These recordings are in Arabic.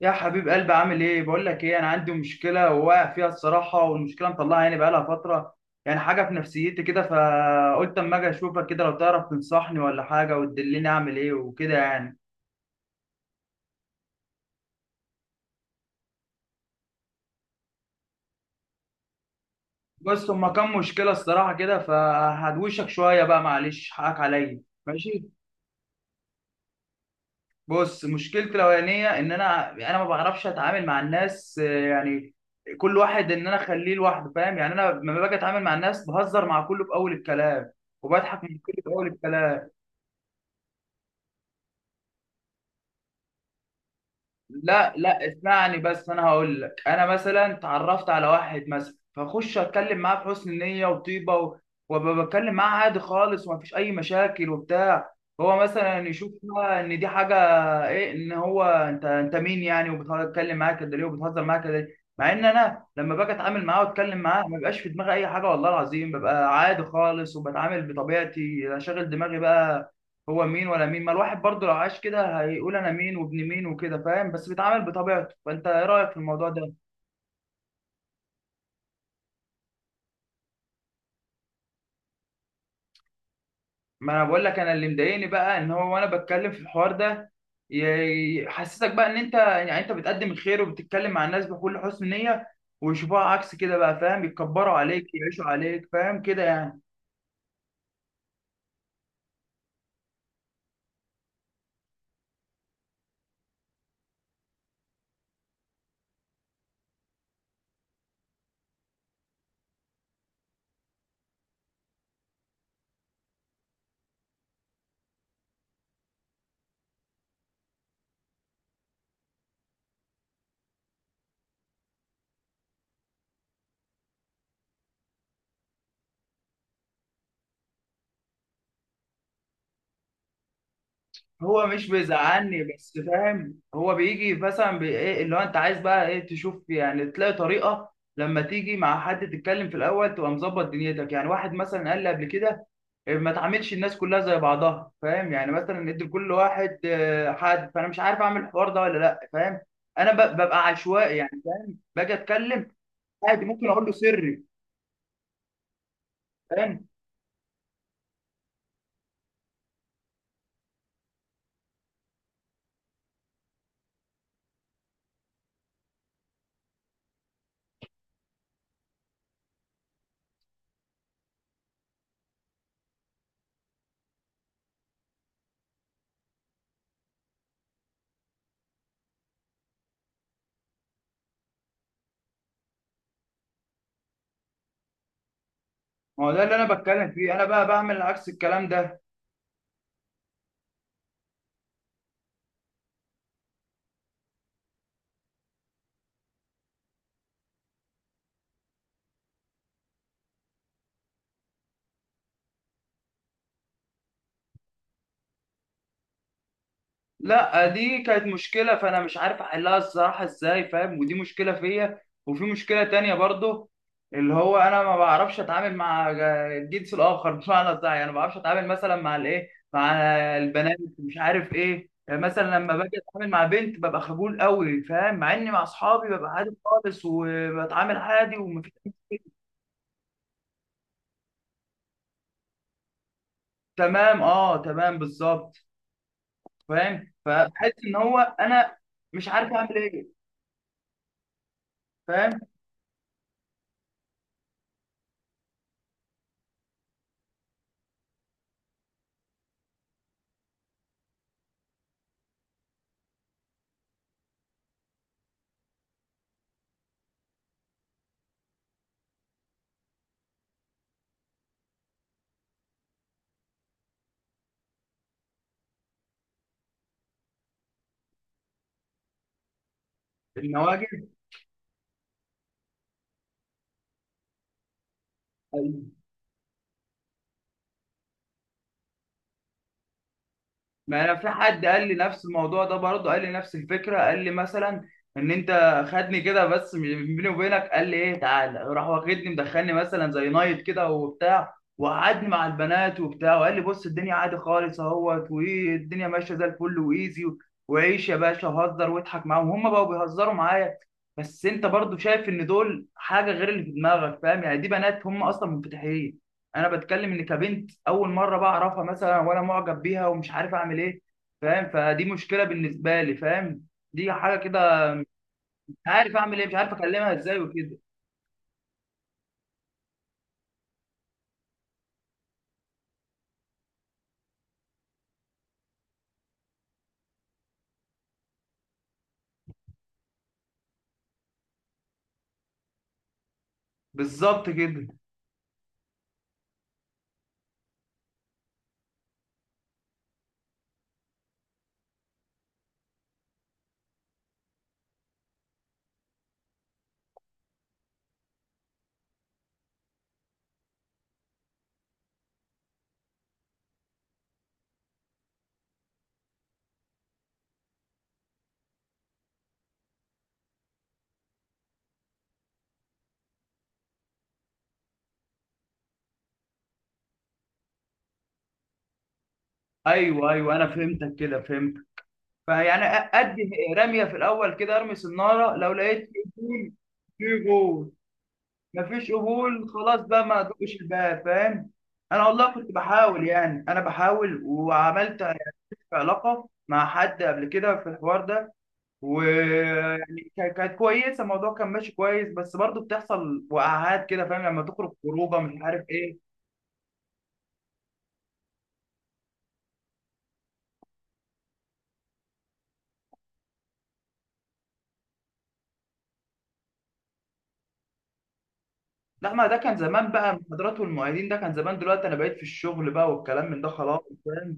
يا حبيب قلبي، عامل ايه؟ بقول لك ايه، انا عندي مشكله وواقع فيها الصراحه، والمشكله مطلعها يعني بقالها فتره، يعني حاجه في نفسيتي كده. فقلت اما اجي اشوفك كده لو تعرف تنصحني ولا حاجه وتدلني اعمل ايه وكده يعني. بص، هما كام مشكله الصراحه كده، فهدوشك شويه بقى، معلش حقك عليا. ماشي، بص مشكلتي الاولانيه ان انا ما بعرفش اتعامل مع الناس، يعني كل واحد ان انا اخليه لوحده، فاهم؟ يعني انا لما باجي اتعامل مع الناس بهزر مع كله في اول الكلام وبضحك من كله في اول الكلام. لا لا، اسمعني بس، انا هقول لك. انا مثلا اتعرفت على واحد مثلا، فاخش اتكلم معاه بحسن نيه وطيبه وابقى بتكلم معاه عادي خالص ومفيش اي مشاكل وبتاع. هو مثلا يشوف بقى ان دي حاجه ايه، ان هو انت مين يعني؟ وبتتكلم معاه كده ليه؟ وبتهزر معاه كده ليه؟ مع ان انا لما باجي اتعامل معاه واتكلم معاه ما بيبقاش في دماغي اي حاجه، والله العظيم ببقى عادي خالص وبتعامل بطبيعتي، لا شاغل دماغي بقى هو مين ولا مين. ما الواحد برضه لو عاش كده هيقول انا مين وابن مين وكده، فاهم؟ بس بيتعامل بطبيعته. فانت ايه رايك في الموضوع ده؟ ما انا بقول لك، انا اللي مضايقني بقى ان هو وانا بتكلم في الحوار ده يحسسك بقى ان انت، يعني انت بتقدم الخير وبتتكلم مع الناس بكل حسن نية ويشوفوها عكس كده بقى، فاهم؟ يتكبروا عليك، يعيشوا عليك، فاهم كده يعني. هو مش بيزعلني، بس فاهم هو بيجي مثلا ايه اللي هو انت عايز بقى ايه تشوف، يعني تلاقي طريقه لما تيجي مع حد تتكلم في الاول تبقى مظبط دنيتك. يعني واحد مثلا قال لي قبل كده إيه، ما تعاملش الناس كلها زي بعضها، فاهم؟ يعني مثلا ادي لكل واحد حد. فانا مش عارف اعمل الحوار ده ولا لا، فاهم؟ انا ببقى عشوائي يعني، فاهم؟ باجي اتكلم عادي، ممكن اقول له سري، فاهم؟ ما هو ده اللي انا بتكلم فيه، انا بقى بعمل عكس الكلام ده. لا، دي كانت مشكلة فأنا مش عارف أحلها الصراحة إزاي، فاهم؟ ودي مشكلة فيا. وفي مشكلة تانية برضه، اللي هو أنا ما بعرفش أتعامل مع الجنس الآخر، بمعنى صح يعني ما بعرفش أتعامل مثلا مع الإيه، مع البنات، مش عارف إيه. يعني مثلا لما باجي أتعامل مع بنت ببقى خجول قوي، فاهم؟ مع إني مع أصحابي ببقى عادي خالص وبتعامل عادي ومفيش. تمام أه تمام بالظبط. فاهم؟ فبحس إن هو أنا مش عارف أعمل إيه، فاهم؟ النواجذ. ما انا في حد قال لي نفس الموضوع ده برضه، قال لي نفس الفكره، قال لي مثلا ان انت خدني كده بس بيني وبينك قال لي ايه، تعالى، راح واخدني مدخلني مثلا زي نايت كده وبتاع، وقعدني مع البنات وبتاع، وقال لي بص الدنيا عادي خالص اهوت، وايه الدنيا ماشيه زي الفل وايزي، وعيش يا باشا وهزر واضحك معاهم، هم بقوا بيهزروا معايا. بس انت برضه شايف ان دول حاجه غير اللي في دماغك، فاهم؟ يعني دي بنات هم اصلا منفتحين. انا بتكلم ان كبنت اول مره بعرفها مثلا وانا معجب بيها ومش عارف اعمل ايه، فاهم؟ فدي مشكله بالنسبه لي، فاهم؟ دي حاجه كده، مش عارف اعمل ايه، مش عارف اكلمها ازاي وكده. بالظبط كده. ايوه ايوه، انا فهمتك كده، فهمت. فيعني ادي رميه في الاول كده، ارمي صناره لو لقيت قبول، في قبول. مفيش قبول خلاص بقى، ما ادقش الباب، فاهم؟ انا والله كنت بحاول، يعني انا بحاول وعملت في علاقه مع حد قبل كده في الحوار ده، ويعني كانت كويسه، الموضوع كان ماشي كويس، بس برضه بتحصل وقعات كده، فاهم؟ لما تخرج خروجه مش عارف ايه. لا، ما ده كان زمان بقى، المحاضرات والمعيدين ده كان زمان، دلوقتي انا بقيت في الشغل بقى والكلام من ده خلاص، فاهم؟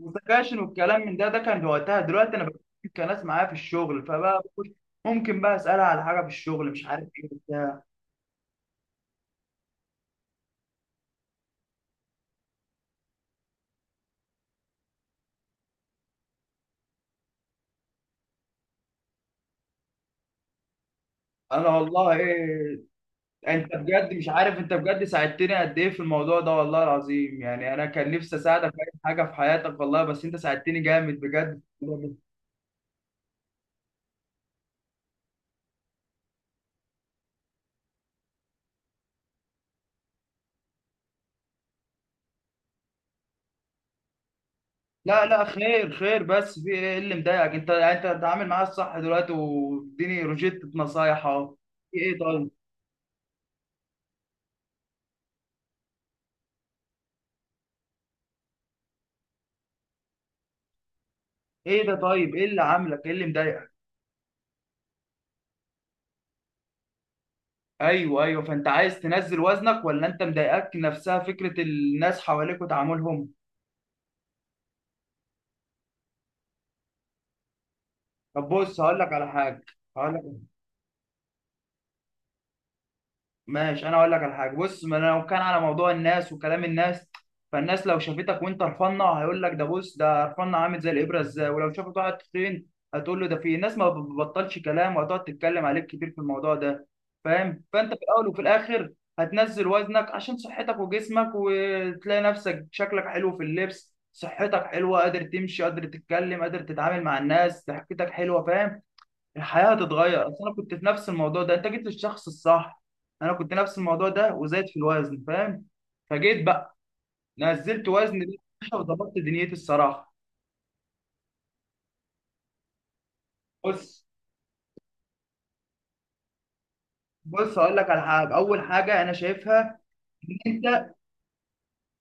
والسكاشن والكلام من ده كان وقتها، دلوقتي انا بقيت كناس معايا في الشغل، فبقى بخش ممكن بقى اسالها على حاجه في الشغل، مش عارف ايه بتاع. انا والله ايه، انت بجد مش عارف، انت بجد ساعدتني قد ايه في الموضوع ده والله العظيم، يعني انا كان نفسي اساعدك في اي حاجه في حياتك والله، بس انت ساعدتني جامد بجد. لا لا، خير خير، بس في ايه اللي مضايقك؟ انت بتتعامل معايا الصح دلوقتي، واديني روشتة نصايح اهو. في ايه طيب؟ ايه ده؟ طيب ايه اللي عاملك، ايه اللي مضايقك؟ ايوه ايوه، فانت عايز تنزل وزنك، ولا انت مضايقك نفسها فكره الناس حواليك وتعاملهم؟ طب بص، هقول لك على حاجه، هقول لك، ماشي، انا اقول لك على حاجه. بص، ما انا لو كان على موضوع الناس وكلام الناس، فالناس لو شافتك وانت رفنه هيقول لك ده، بص ده رفنه عامل زي الابره ازاي، ولو شافت واحد تخين هتقول له ده، في الناس ما بتبطلش كلام، وهتقعد تتكلم عليك كتير في الموضوع ده، فاهم؟ فانت في الاول وفي الاخر هتنزل وزنك عشان صحتك وجسمك، وتلاقي نفسك شكلك حلو في اللبس، صحتك حلوه، قادر تمشي، قادر تتكلم، قادر تتعامل مع الناس، ضحكتك حلوه، فاهم؟ الحياة هتتغير. أصل أنا كنت في نفس الموضوع ده، أنت جيت للشخص الصح. أنا كنت نفس الموضوع ده وزايد في الوزن، فاهم؟ فجيت بقى نزلت وزن ده وظبطت دنيتي الصراحة. بص بص، أقول لك على حاجة أول حاجة أنا شايفها إن أنت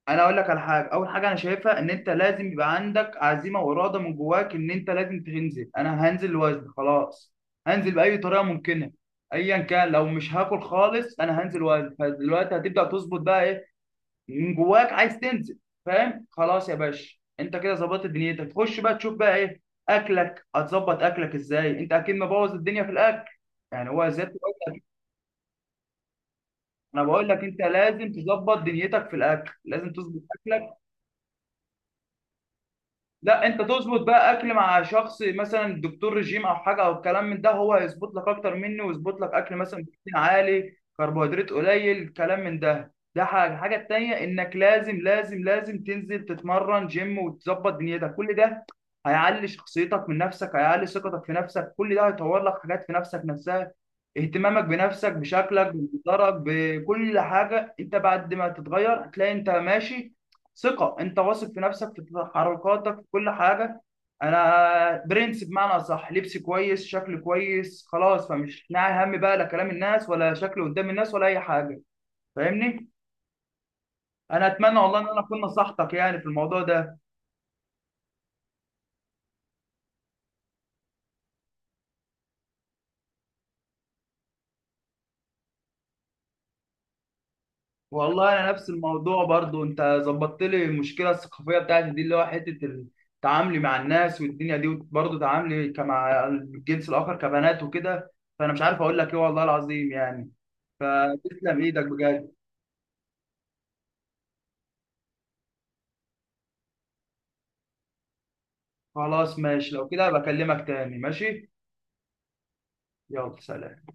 أنا أقول لك على حاجة، أول حاجة أنا شايفها إن أنت لازم يبقى عندك عزيمة وإرادة من جواك، إن أنت لازم تنزل. أنا هنزل وزن خلاص، هنزل بأي طريقة ممكنة، أيا كان، لو مش هاكل خالص أنا هنزل وزن. فدلوقتي هتبدأ تظبط بقى إيه من جواك عايز تنزل. فاهم؟ خلاص يا باشا، انت كده ظبطت دنيتك، تخش بقى تشوف بقى ايه، اكلك هتظبط اكلك ازاي، انت اكيد مبوظ الدنيا في الاكل، يعني هو ازاي. انا بقول لك انت لازم تظبط دنيتك في الاكل، لازم تظبط اكلك. لا، انت تظبط بقى اكل مع شخص مثلا دكتور رجيم او حاجه او الكلام من ده، هو هيظبط لك اكتر مني، ويظبط لك اكل مثلا بروتين عالي كربوهيدرات قليل كلام من ده، ده حاجه. الحاجه التانيه انك لازم لازم لازم تنزل تتمرن جيم وتظبط دنيتك، كل ده هيعلي شخصيتك من نفسك، هيعلي ثقتك في نفسك، كل ده هيطور لك حاجات في نفسك نفسها. اهتمامك بنفسك بشكلك بمنظرك بكل حاجه، انت بعد ما تتغير هتلاقي انت ماشي ثقه، انت واثق في نفسك في تحركاتك في كل حاجه. انا برنس بمعنى اصح، لبسي كويس، شكلي كويس، خلاص، فمش ناعي هم بقى لا كلام الناس ولا شكلي قدام الناس ولا اي حاجه، فاهمني؟ انا اتمنى والله ان انا اكون نصحتك يعني في الموضوع ده. والله انا نفس الموضوع برضو، انت ظبطت لي المشكله الثقافيه بتاعتي دي، اللي هو حته تعاملي مع الناس والدنيا دي، وبرضه تعاملي كمع الجنس الاخر كبنات وكده، فانا مش عارف اقول لك ايه والله العظيم يعني، فتسلم ايدك بجد. خلاص ماشي، لو كده بكلمك تاني، ماشي، يلا سلام.